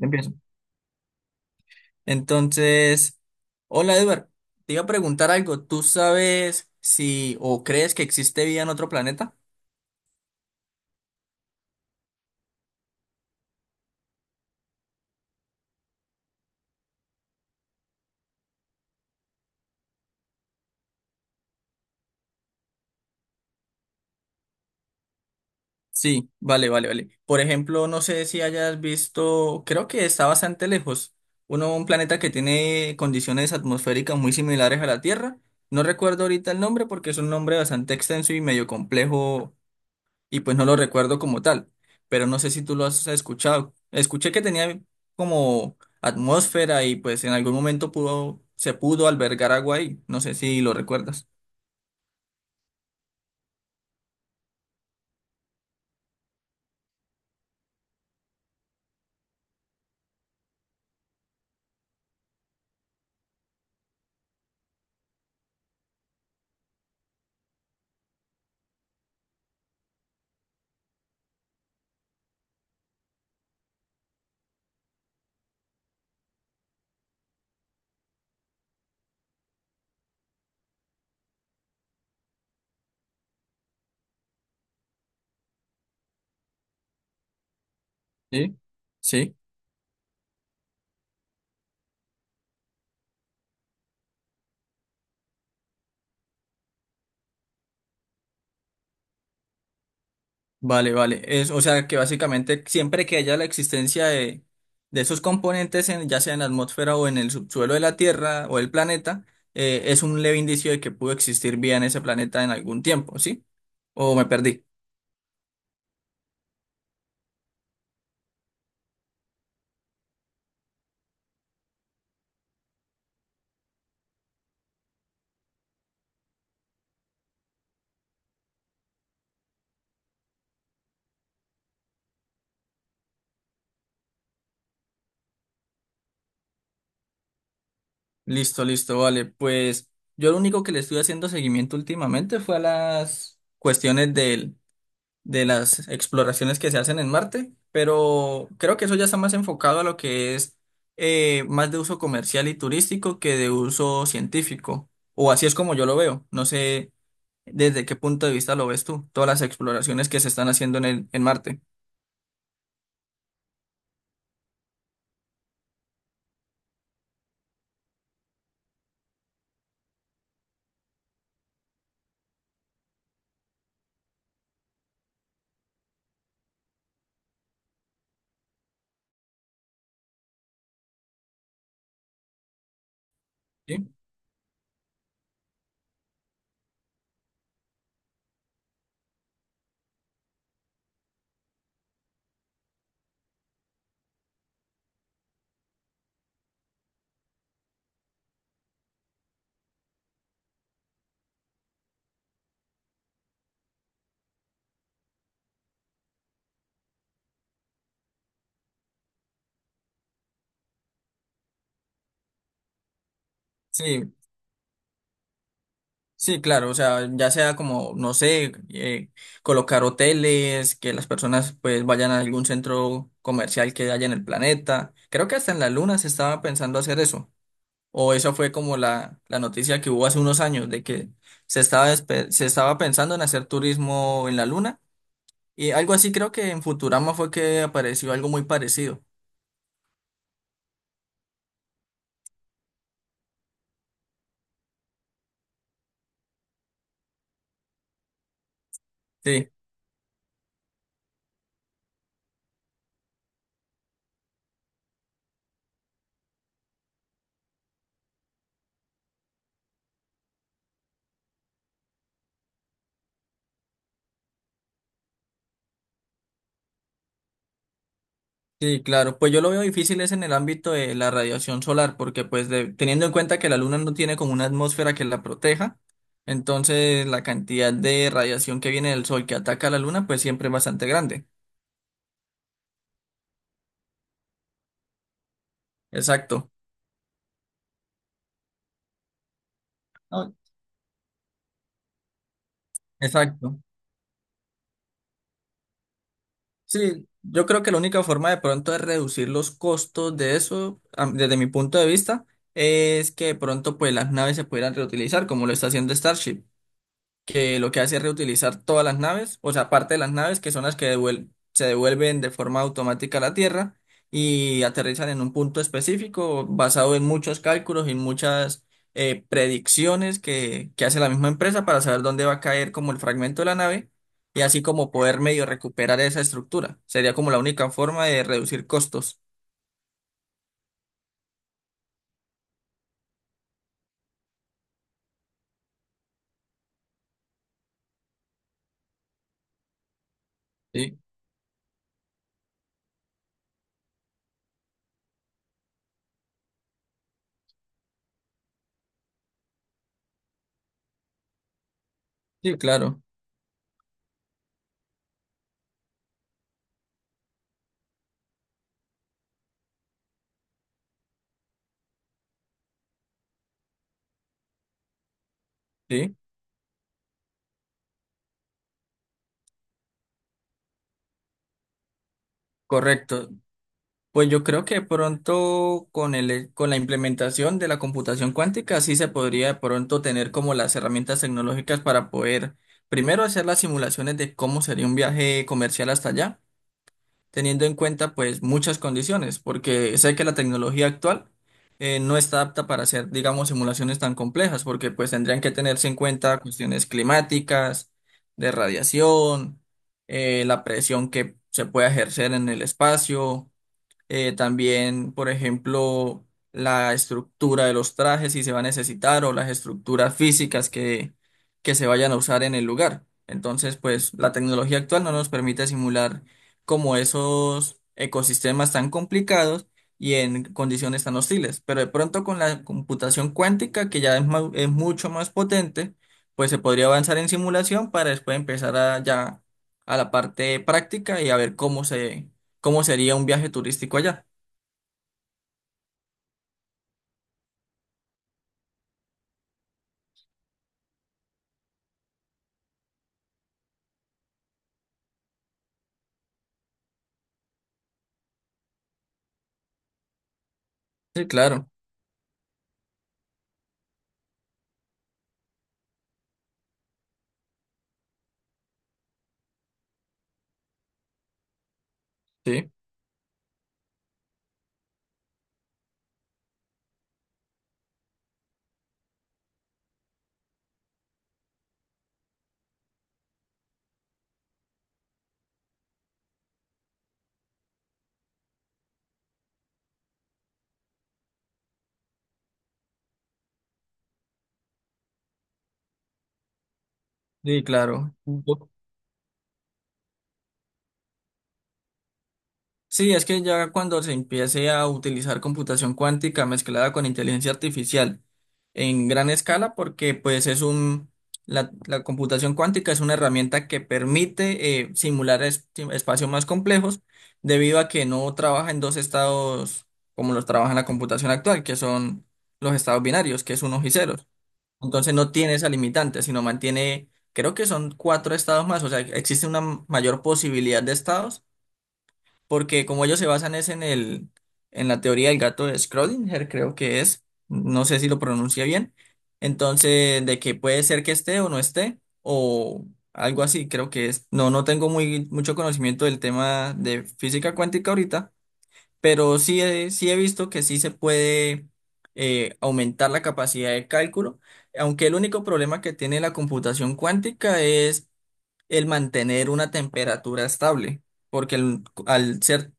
Empiezo. Entonces, hola Edward, te iba a preguntar algo. ¿Tú sabes si o crees que existe vida en otro planeta? Sí, vale, vale, vale. Por ejemplo, no sé si hayas visto, creo que está bastante lejos, un planeta que tiene condiciones atmosféricas muy similares a la Tierra. No recuerdo ahorita el nombre porque es un nombre bastante extenso y medio complejo y pues no lo recuerdo como tal, pero no sé si tú lo has escuchado. Escuché que tenía como atmósfera y pues en algún momento se pudo albergar agua ahí. No sé si lo recuerdas. Sí. Sí. Vale, vale. Es, o sea que básicamente siempre que haya la existencia de esos componentes, en, ya sea en la atmósfera o en el subsuelo de la Tierra o el planeta, es un leve indicio de que pudo existir vida en ese planeta en algún tiempo, ¿sí? O me perdí. Listo, listo, vale. Pues yo lo único que le estuve haciendo seguimiento últimamente fue a las cuestiones del de las exploraciones que se hacen en Marte, pero creo que eso ya está más enfocado a lo que es más de uso comercial y turístico que de uso científico, o así es como yo lo veo. No sé desde qué punto de vista lo ves tú, todas las exploraciones que se están haciendo en en Marte. ¿Sí? Sí, sí, claro, o sea, ya sea como, no sé, colocar hoteles, que las personas pues vayan a algún centro comercial que haya en el planeta. Creo que hasta en la Luna se estaba pensando hacer eso. O esa fue como la noticia que hubo hace unos años de que se estaba, se estaba pensando en hacer turismo en la luna. Y algo así creo que en Futurama fue que apareció algo muy parecido. Sí, sí, claro. Pues yo lo veo difícil es en el ámbito de la radiación solar, porque pues teniendo en cuenta que la luna no tiene como una atmósfera que la proteja, entonces la cantidad de radiación que viene del sol que ataca a la luna pues siempre es bastante grande. Exacto. No. Exacto. Sí, yo creo que la única forma de pronto de reducir los costos de eso, desde mi punto de vista, es que de pronto pues las naves se pudieran reutilizar como lo está haciendo Starship, que lo que hace es reutilizar todas las naves, o sea, parte de las naves, que son las que se devuelven de forma automática a la Tierra y aterrizan en un punto específico basado en muchos cálculos y muchas predicciones que, hace la misma empresa para saber dónde va a caer como el fragmento de la nave y así como poder medio recuperar esa estructura. Sería como la única forma de reducir costos. Sí, sí, claro, sí, correcto. Pues yo creo que pronto con con la implementación de la computación cuántica sí se podría de pronto tener como las herramientas tecnológicas para poder primero hacer las simulaciones de cómo sería un viaje comercial hasta allá, teniendo en cuenta pues muchas condiciones, porque sé que la tecnología actual no está apta para hacer digamos simulaciones tan complejas, porque pues tendrían que tenerse en cuenta cuestiones climáticas, de radiación, la presión que se puede ejercer en el espacio también, por ejemplo, la estructura de los trajes si se va a necesitar, o las estructuras físicas que se vayan a usar en el lugar. Entonces, pues la tecnología actual no nos permite simular como esos ecosistemas tan complicados y en condiciones tan hostiles. Pero de pronto con la computación cuántica, que ya es, es mucho más potente, pues se podría avanzar en simulación para después empezar a, ya a la parte práctica y a ver cómo se cómo sería un viaje turístico allá. Sí, claro, sí, sí, claro. Ujú. Sí, es que ya cuando se empiece a utilizar computación cuántica mezclada con inteligencia artificial en gran escala, porque pues es un, la computación cuántica es una herramienta que permite simular sí, espacios más complejos debido a que no trabaja en dos estados como los trabaja en la computación actual, que son los estados binarios, que es unos y ceros. Entonces no tiene esa limitante, sino mantiene, creo que son cuatro estados más, o sea, existe una mayor posibilidad de estados, porque como ellos se basan es en el, en la teoría del gato de Schrödinger, creo que es, no sé si lo pronuncia bien, entonces de que puede ser que esté o no esté, o algo así, creo que es. No, no tengo muy, mucho conocimiento del tema de física cuántica ahorita, pero sí he visto que sí se puede aumentar la capacidad de cálculo, aunque el único problema que tiene la computación cuántica es el mantener una temperatura estable, porque al ser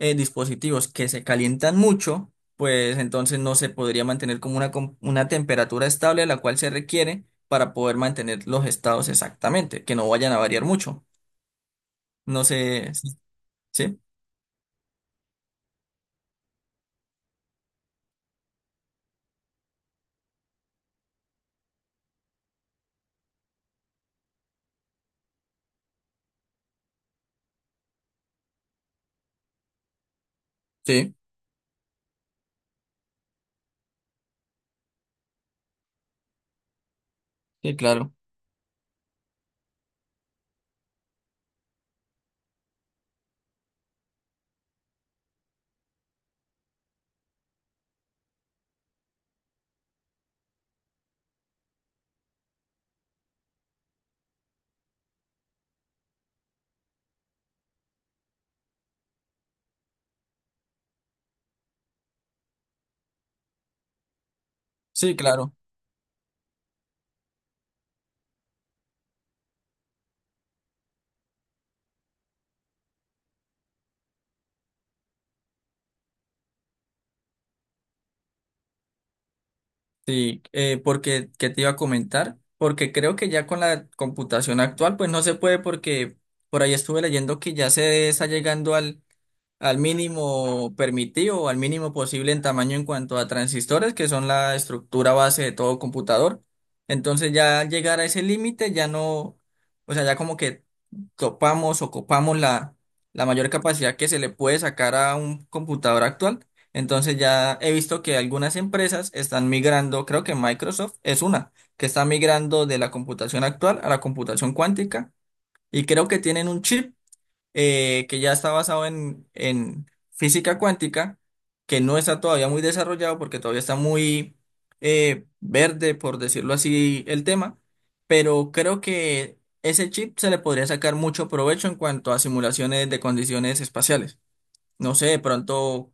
dispositivos que se calientan mucho, pues entonces no se podría mantener como una, una temperatura estable, la cual se requiere para poder mantener los estados exactamente, que no vayan a variar mucho. No sé, ¿sí? Sí, sí, claro. Sí, claro. Sí, porque, ¿qué te iba a comentar? Porque creo que ya con la computación actual, pues no se puede porque por ahí estuve leyendo que ya se está llegando al mínimo permitido o al mínimo posible en tamaño en cuanto a transistores, que son la estructura base de todo computador. Entonces ya llegar a ese límite ya no, o sea, ya como que topamos o copamos la mayor capacidad que se le puede sacar a un computador actual. Entonces ya he visto que algunas empresas están migrando, creo que Microsoft es una, que está migrando de la computación actual a la computación cuántica, y creo que tienen un chip que ya está basado en física cuántica, que no está todavía muy desarrollado porque todavía está muy verde, por decirlo así, el tema, pero creo que ese chip se le podría sacar mucho provecho en cuanto a simulaciones de condiciones espaciales. No sé, de pronto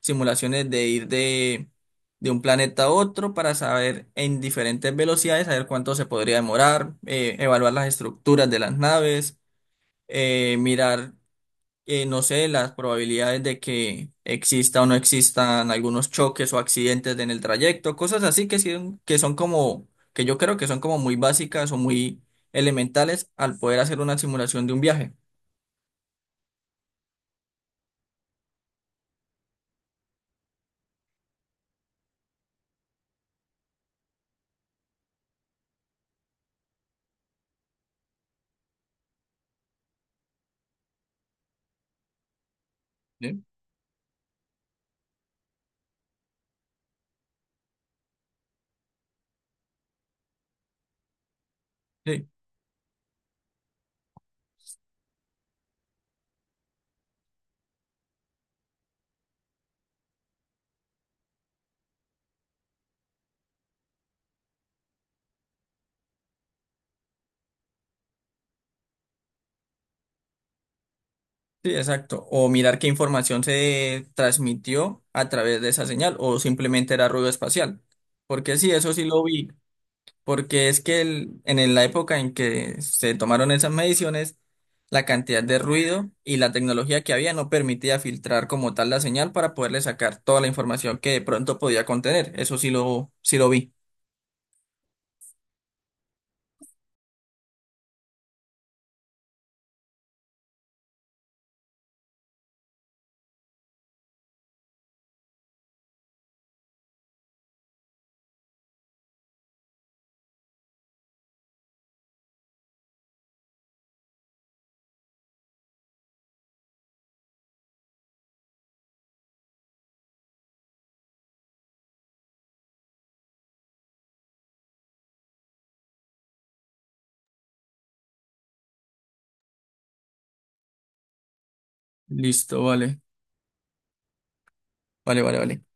simulaciones de ir de un planeta a otro para saber en diferentes velocidades, saber cuánto se podría demorar, evaluar las estructuras de las naves mirar no sé, las probabilidades de que exista o no existan algunos choques o accidentes en el trayecto, cosas así que, que son como, que yo creo que son como muy básicas o muy elementales al poder hacer una simulación de un viaje. ¿Sí? Sí, sí, exacto. O mirar qué información se transmitió a través de esa señal o simplemente era ruido espacial. Porque sí, eso sí lo vi. Porque es que la época en que se tomaron esas mediciones, la cantidad de ruido y la tecnología que había no permitía filtrar como tal la señal para poderle sacar toda la información que de pronto podía contener. Eso sí lo vi. Listo, vale. Vale, vale, vale.